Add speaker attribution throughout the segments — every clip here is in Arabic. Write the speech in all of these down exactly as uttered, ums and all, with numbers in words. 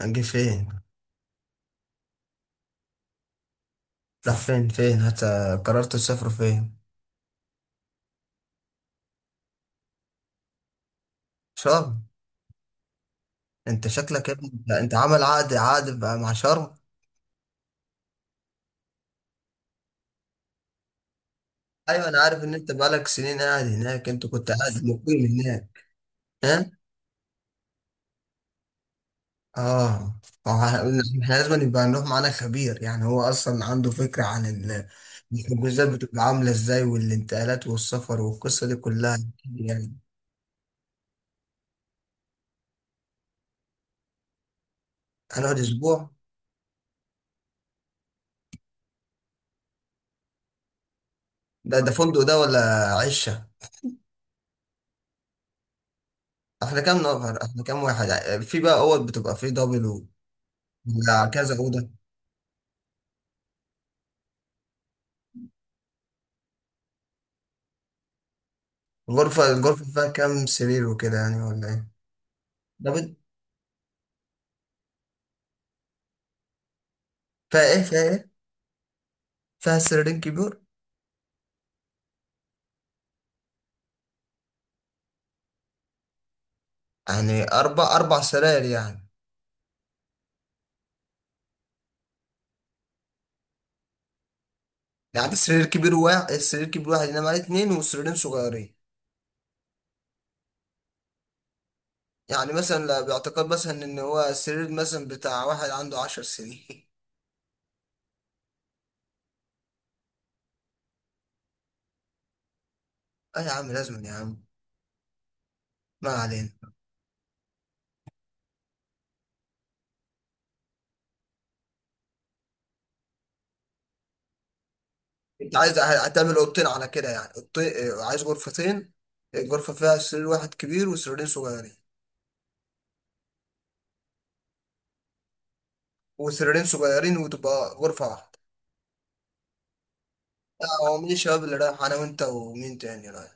Speaker 1: هنجي فين؟ راح فين فين هت قررت تسافر فين؟ شرم؟ انت شكلك يا ابني انت أنت عامل عقد عقد بقى مع شرم. ايوه، انا عارف ان انت بقالك سنين قاعد هناك، انت كنت قاعد مقيم هناك. ها. اه. ما هو ه- احنا لازم يبقى نروح معانا خبير، يعني هو اصلا عنده فكره عن ال- الحجوزات بتبقى عامله ازاي، والانتقالات والسفر والقصه دي كلها. يعني هنقعد اسبوع. ده ده فندق ده ولا عشه؟ احنا كام نفر؟ احنا كام واحد؟ في بقى اوض بتبقى فيه دبل؟ ده كذا أوضة. الغرفة الغرفة فيها كام سرير وكده، يعني ولا إيه؟ ده بت- فيها إيه؟ فيها إيه؟ فيها سريرين كبير؟ يعني أربع أربع سراير يعني. يعني سرير كبير واحد، السرير كبير واحد ينام عليه اتنين وسريرين صغيرين. يعني مثلا لا- باعتقاد مثلا إن هو السرير مثلا بتاع واحد عنده عشر سنين. أه يا عم، لازم يا عم. ما علينا. أنت عايز هتعمل أوضتين، على كده يعني أوضتين. آه، عايز غرفتين، غرفة فيها سرير واحد كبير وسريرين صغيرين، وسريرين صغيرين، وتبقى غرفة واحدة. لا، هو مين الشباب اللي رايح؟ انا وانت ومين تاني رايح؟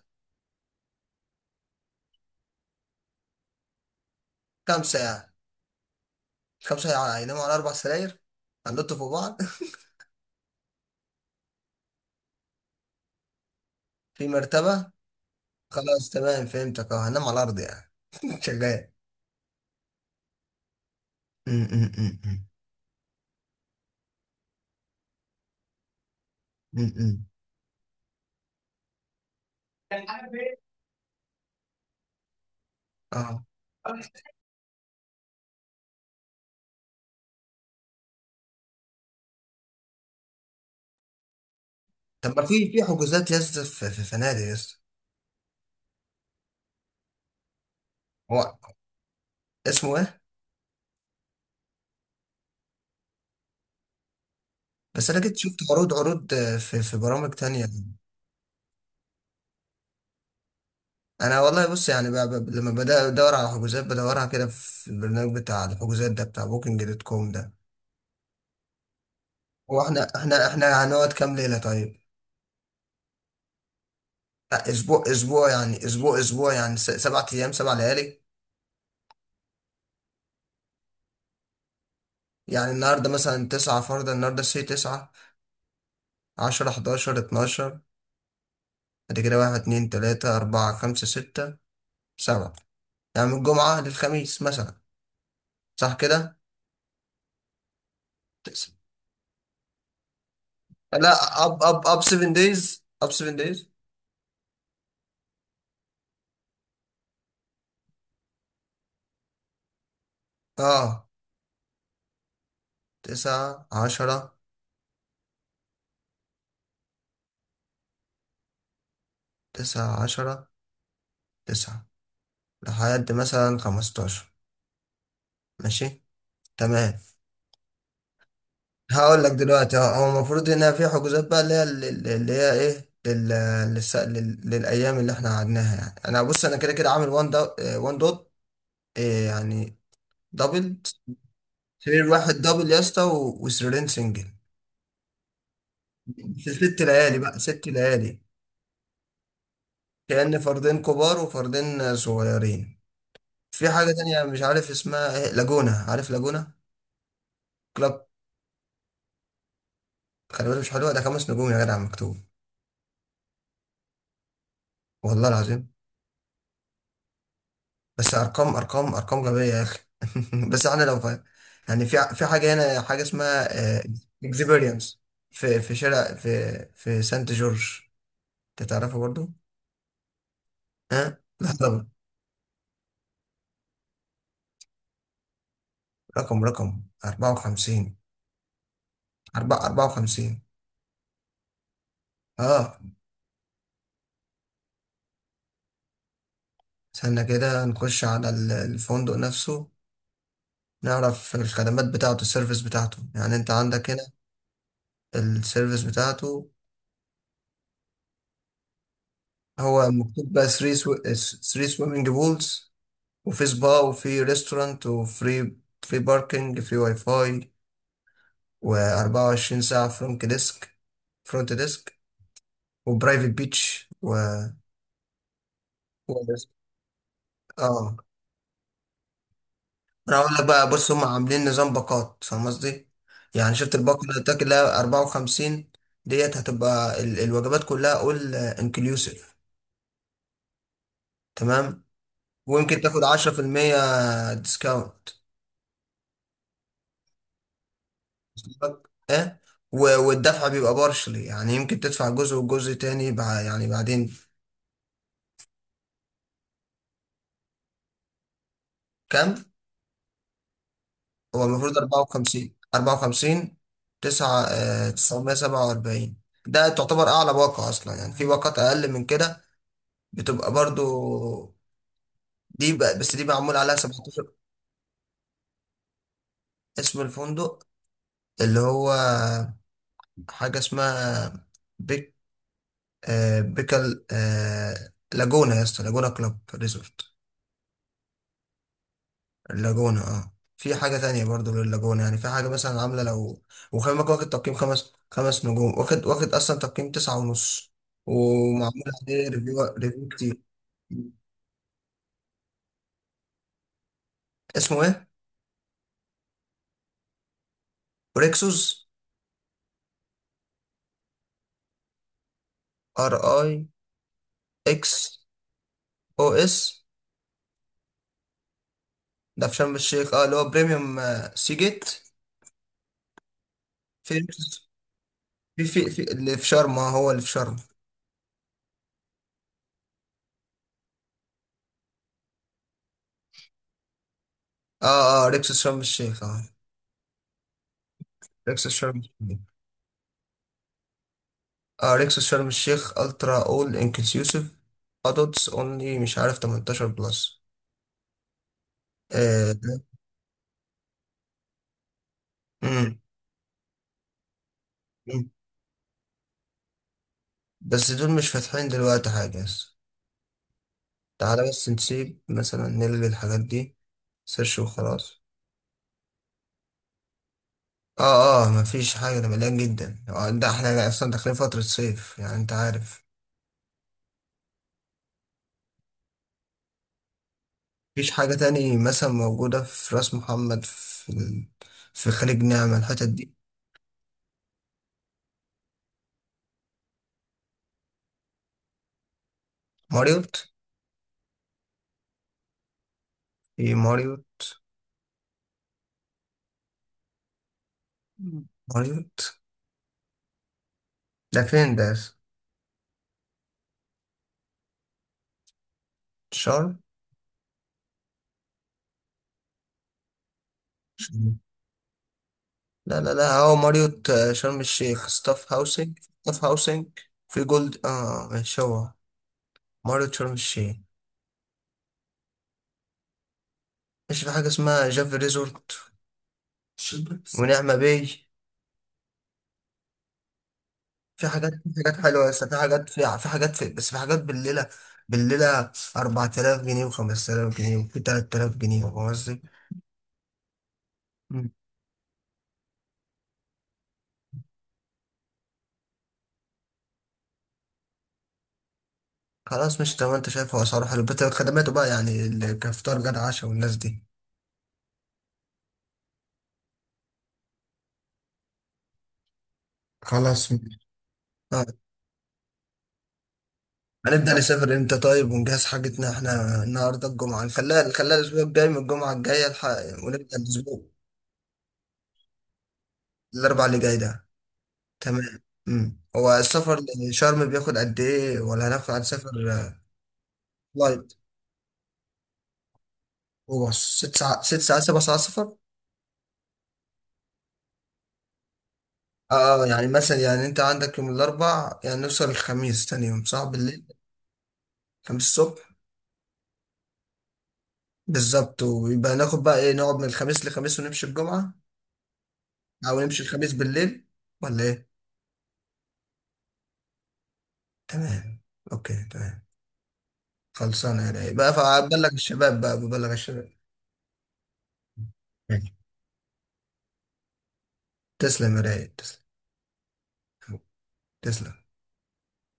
Speaker 1: خمسة يعني. خمسة يعني هيناموا على اربع سراير، هنلطوا في بعض. في مرتبة. خلاص تمام، فهمتك. اه، هنام على الارض يعني. شغال. م- م- م- م- م- م. اه. طب ما في في حجوزات يا اسطى، في في فنادق يا اسطى. هو اسمه ايه؟ بس انا كنت شفت عروض عروض، آه، في في برامج تانية. انا والله، بص يعني، ب- ب- لما بدأ ادور على حجوزات، بدورها كده في البرنامج بتاع الحجوزات ده، بتاع بوكينج دوت كوم ده. هو احنا احنا احنا هنقعد كام ليلة طيب؟ لا، اسبوع اسبوع يعني اسبوع اسبوع يعني س- سبع ايام سبع ليالي. يعني النهارده مثلا تسعة، فرضا النهارده سي تسعة، عشرة، حداشر، اتناشر، بعد كده واحد، اتنين، تلاتة، أربعة، خمسة، ستة، سبعة. يعني من الجمعة للخميس مثلا، صح كده؟ تس- لا، أب أب أب سفن دايز، أب سفن دايز. اه، تسعة، عشرة، تسعة، عشرة، تسعة، لحد مثلا خمستاشر. ماشي، تمام. هقول لك دلوقتي. اه، هو المفروض هنا في حجوزات بقى، اللي هي اللي اللي هي ايه، لل... للس... لل... للايام اللي احنا قعدناها. يعني انا بص، انا كده كده عامل، وان دو... اه، وان دوت. اه، يعني دبل، سرير واحد دبل يا اسطى و... وسريرين سنجل. في ست ليالي بقى، ست ليالي. كأن فردين كبار وفردين صغيرين. في حاجة تانية مش عارف اسمها ايه، لاجونا، عارف لاجونا كلاب؟ خلي بالك، مش حلوة؟ ده خمس نجوم يا جدع مكتوب. والله العظيم. بس ارقام، ارقام ارقام غبيه يا اخي. بس احنا لو فاهم. يعني في ع- في حاجه هنا حاجه اسمها اكسبيرينس، في في شارع، في في سانت جورج، انت تعرفه برضو؟ ها، لا طبعا. رقم رقم أربعة وخمسين، أربعة أربعة وخمسين. اه، استنى كده نخش على ال- الفندق نفسه، نعرف الخدمات بتاعته، السيرفيس بتاعته. يعني انت عندك هنا السيرفيس بتاعته. هو مكتوب بقى ثلاثة سويمنج بولز، وفي سبا، وفي ريستورانت، وفري فري باركنج، فري واي فاي، و24 ساعة فرونت ديسك فرونت ديسك، وبرايفت بيتش و... و- اه، انا اقول لك بقى، بص هم عاملين نظام باقات، فاهم قصدي؟ يعني شفت الباقة اللي قلت لك اللي هي أربعة وخمسين؟ ديت هتبقى ال- الوجبات كلها اول انكلوسيف، تمام، ويمكن تاخد عشرة في المية ديسكاونت. ها، و- والدفع بيبقى بارشلي، يعني يمكن تدفع جزء وجزء تاني بع- يعني بعدين. كام هو المفروض؟ أربعة وخمسين، أربعة وخمسين تسعة آه، تسعمية وسبعة وأربعين. ده تعتبر اعلى باقة اصلا، يعني في باقات اقل من كده، بتبقى برضو. دي بقى، بس دي معمول عليها سبعتاشر. اسم الفندق اللي هو حاجة اسمها بيك آه، بيكال، آه، لاجونا يا اسطى، لاجونا كلوب ريزورت. اللاجونة، اه، في حاجة تانية برضو لللاجونة، يعني في حاجة مثلا عاملة لو. وخلي بالك، واخد تقييم خمس خمس نجوم، واخد واخد أصلا تقييم تسعة ونص، ومعمول عليه ريفيو ريفيو كتير. اسمه ايه؟ ريكسوس. ار اي اكس او اس. ده في شرم الشيخ، اه، اللي هو بريميوم، آه، سي جيت. في ريكسوس؟ في في في اللي في شرم، اه هو اللي في شرم. اه اه ريكسوس شرم الشيخ. اه ريكسوس شرم الشيخ. اريكسوس شرم الشيخ الترا اول انكلوسيف، ادults اونلي، مش عارف، تمنتاشر بلس. آه ده. مم. مم. بس دول مش فاتحين دلوقتي حاجة. تعالى بس نسيب، مثلا نلغي الحاجات دي، سيرش وخلاص. اه اه مفيش حاجة، ده مليان جدا. آه، ده احنا اصلا داخلين فترة صيف، يعني انت عارف. مفيش حاجة تاني مثلا موجودة في راس محمد، في ال... في خليج نعمة الحتت دي؟ ماريوت؟ في ماريوت؟ ماريوت ده فين ده؟ شرم؟ لا لا لا هو ماريوت، آه، شرم الشيخ ستاف هاوسنج. ستاف هاوسنج في جولد، اه ماشي. هو ماريوت شرم الشيخ. ماشي. في حاجة اسمها جافي ريزورت ونعمة باي. في حاجات، في حاجات حلوة، بس في حاجات، في في حاجات في بس في حاجات بالليلة، بالليلة أربعة آلاف جنيه، و5000 جنيه، وفي ثلاثة آلاف جنيه. فاهم قصدي؟ مم. خلاص، مش تمام. انت شايف هو اسعاره حلو، بس خدماته بقى يعني ال- كفطار غدا عشاء والناس دي. خلاص. اه، هنبدأ نسافر امتى طيب، ونجهز حاجتنا؟ احنا النهارده الجمعة، نخليها نخليها الأسبوع الجاي، من الجمعة الجاية الحق، ونبدأ الأسبوع الأربع اللي جاي ده. تمام. مم. هو السفر لشرم بياخد قد إيه؟ ولا هناخد هنسافر آه، فلايت؟ هو ست ساعات، ست ساعات سبع ساعات سفر؟ اه. آه، يعني مثلا يعني أنت عندك يوم الأربع، يعني نوصل الخميس تاني يوم، صح، بالليل؟ خميس الصبح. بالظبط، ويبقى ناخد بقى إيه، نقعد من الخميس لخميس ونمشي الجمعة، أو نمشي الخميس بالليل، ولا إيه؟ تمام، أوكي تمام. خلصانة يا رايق بقى، فبلغ الشباب، بقى ببلغ الشباب. ماشي. تسلم يا رايق، تسلم. تسلم.